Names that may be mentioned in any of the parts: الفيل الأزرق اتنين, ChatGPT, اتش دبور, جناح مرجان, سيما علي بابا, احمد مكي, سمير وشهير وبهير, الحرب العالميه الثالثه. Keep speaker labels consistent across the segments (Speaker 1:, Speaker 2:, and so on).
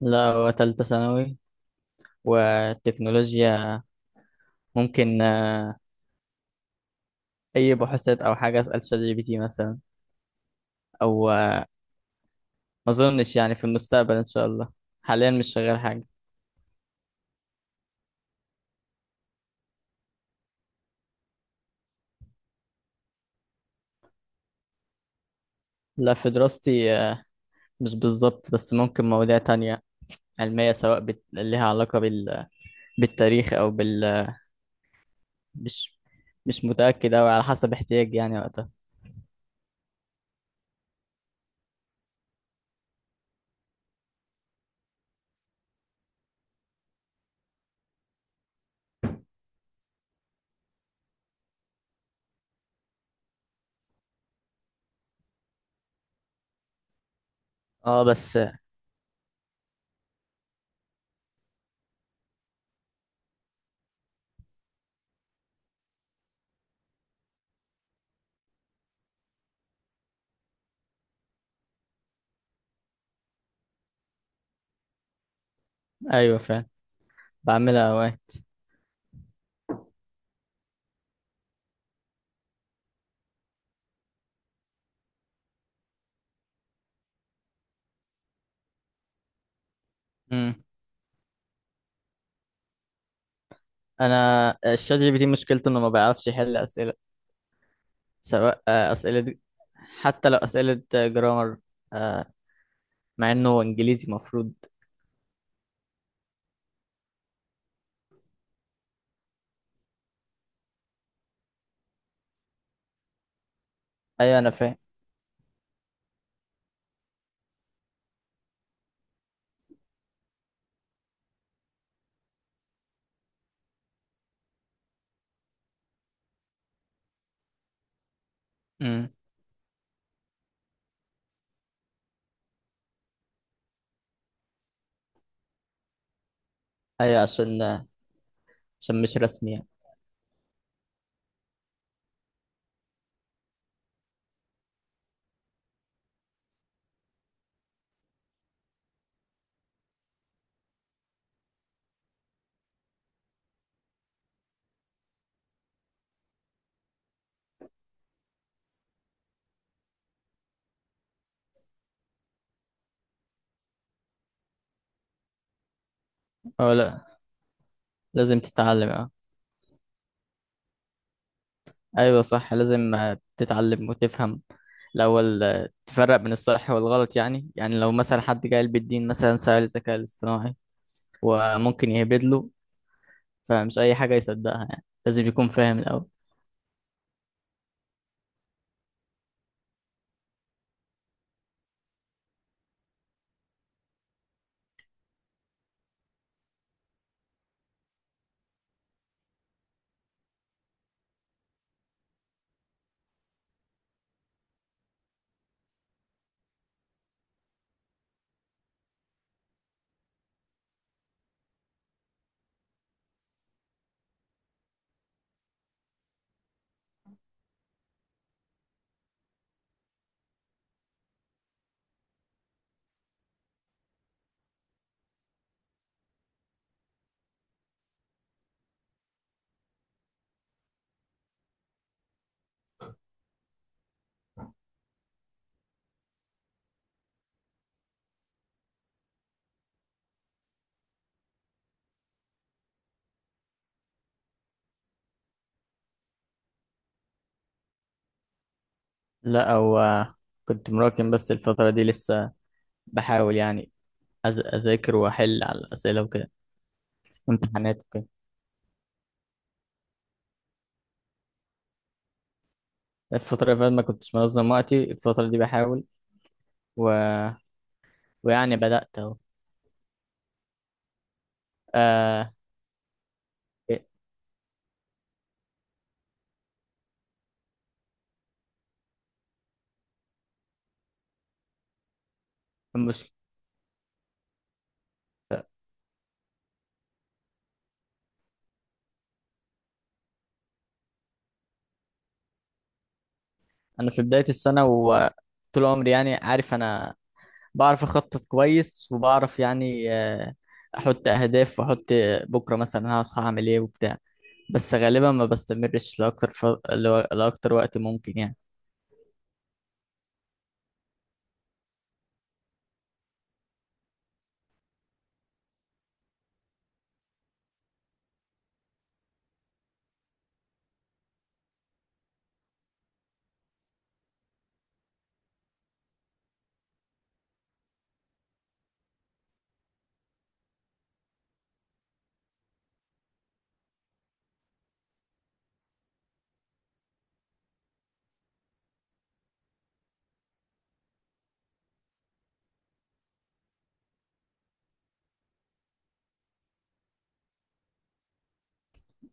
Speaker 1: لا، هو تالتة ثانوي. والتكنولوجيا ممكن، أي بحوثات أو حاجة أسأل شات جي بي تي مثلا. أو ما أظنش يعني، في المستقبل إن شاء الله. حاليا مش شغال حاجة. لا، في دراستي، مش بالظبط، بس ممكن مواضيع تانية علمية، سواء ليها علاقة بالتاريخ، أو مش مش متأكد أوي، على حسب احتياجي يعني وقتها. اه بس، أيوة فعلا، بعملها أوقات. مم. أنا الشات جي بي تي مشكلته إنه ما بيعرفش يحل أسئلة، سواء أسئلة، حتى لو أسئلة جرامر، مع إنه إنجليزي مفروض. أيوة، أنا فاهم. أمم، أيوة، عشان مش رسمي يعني. لا، لازم تتعلم، أه. أيوة صح، لازم تتعلم وتفهم الأول. تفرق بين الصح والغلط. يعني لو مثلا حد جاي بالدين مثلا سأل الذكاء الاصطناعي وممكن يهبد له، فمش أي حاجة يصدقها يعني، لازم يكون فاهم الأول. لا، أو آه، كنت مراكم، بس الفترة دي لسه بحاول يعني، اذاكر واحل على الاسئله وكده، امتحانات وكده. الفتره اللي فاتت ما كنتش منظم وقتي. الفتره دي بحاول، و... ويعني بدات اهو، آه... المشكله، انا في بدايه السنه وطول عمري يعني، عارف انا بعرف اخطط كويس، وبعرف يعني احط اهداف، واحط بكره مثلا هصحى اعمل ايه وبتاع. بس غالبا ما بستمرش لاكتر، لاكتر وقت ممكن يعني.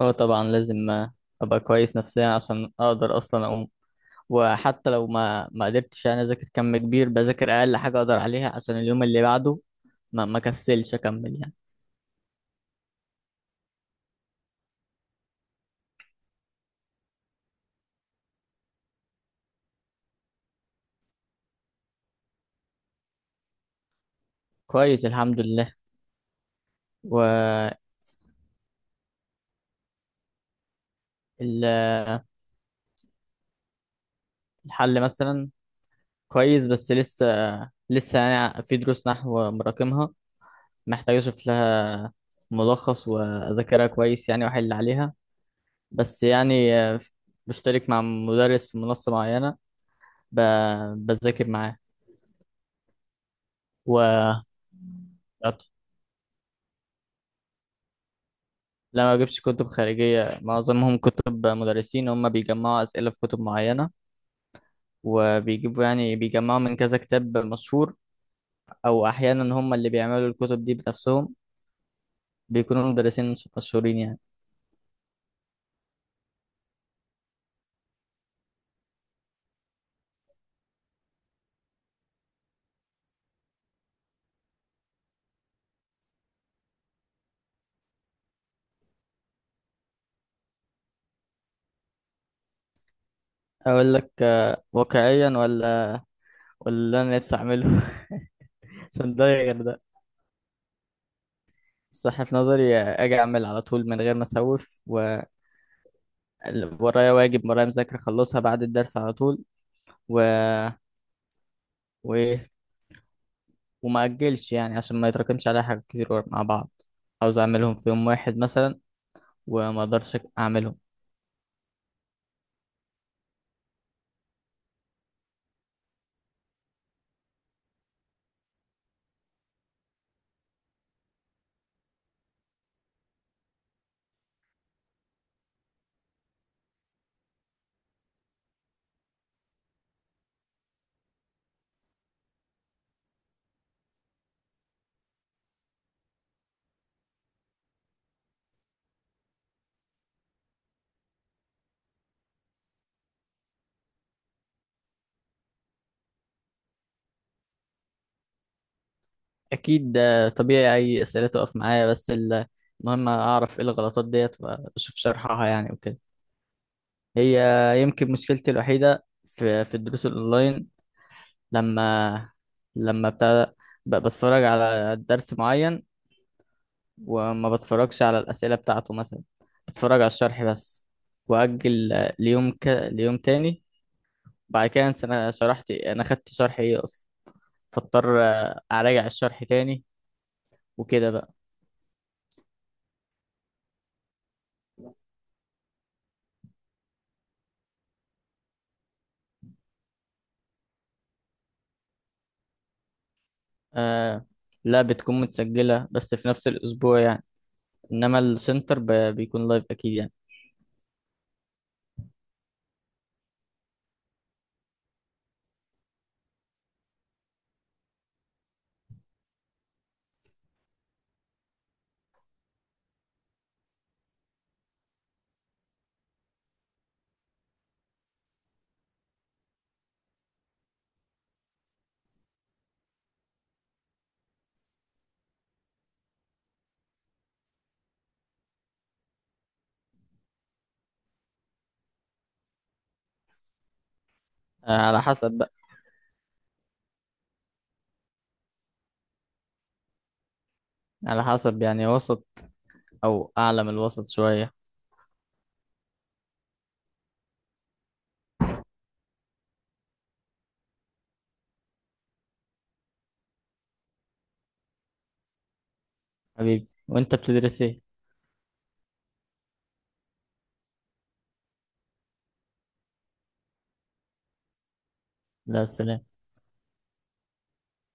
Speaker 1: اه طبعا، لازم ابقى كويس نفسيا عشان اقدر اصلا اقوم. وحتى لو ما قدرتش يعني اذاكر كم كبير، بذاكر اقل حاجه اقدر عليها، عشان اليوم اللي بعده ما كسلش اكمل يعني. كويس، الحمد لله. والحل مثلا كويس، بس لسه يعني في دروس نحو مراكمها، محتاج اشوف لها ملخص واذاكرها كويس يعني، واحل عليها. بس يعني بشترك مع مدرس في منصه معينه، بذاكر معاه. و لا، ما بجيبش كتب خارجية، معظمهم كتب مدرسين، هم بيجمعوا أسئلة في كتب معينة، وبيجيبوا يعني بيجمعوا من كذا كتاب مشهور، أو أحيانا هم اللي بيعملوا الكتب دي بنفسهم، بيكونوا مدرسين مش مشهورين يعني. أقول لك واقعيا ولا اللي أنا نفسي أعمله عشان ده غير ده. الصح في نظري، أجي أعمل على طول من غير ما أسوف ورايا، واجب ورايا مذاكرة أخلصها بعد الدرس على طول، و... وإيه، وما أجلش يعني، عشان ما يتراكمش عليا حاجات كتير مع بعض. عاوز أعملهم في يوم واحد مثلا، وما أقدرش أعملهم. أكيد ده طبيعي، أي أسئلة تقف معايا، بس المهم أعرف إيه الغلطات ديت، وأشوف شرحها يعني وكده. هي يمكن مشكلتي الوحيدة في الدروس الأونلاين، لما لما بتاع، بتفرج على درس معين، وما بتفرجش على الأسئلة بتاعته مثلا، بتفرج على الشرح بس، وأجل ليوم ليوم تاني. بعد كده، انا خدت شرح ايه اصلا، فاضطر اراجع الشرح تاني، وكده بقى. آه، لا، بتكون متسجلة، بس في نفس الاسبوع يعني. انما السنتر بيكون لايف اكيد يعني. آه، على حسب بقى، على حسب يعني، وسط، او اعلى من الوسط شوية. حبيبي، وانت بتدرس ايه؟ لا، سلام.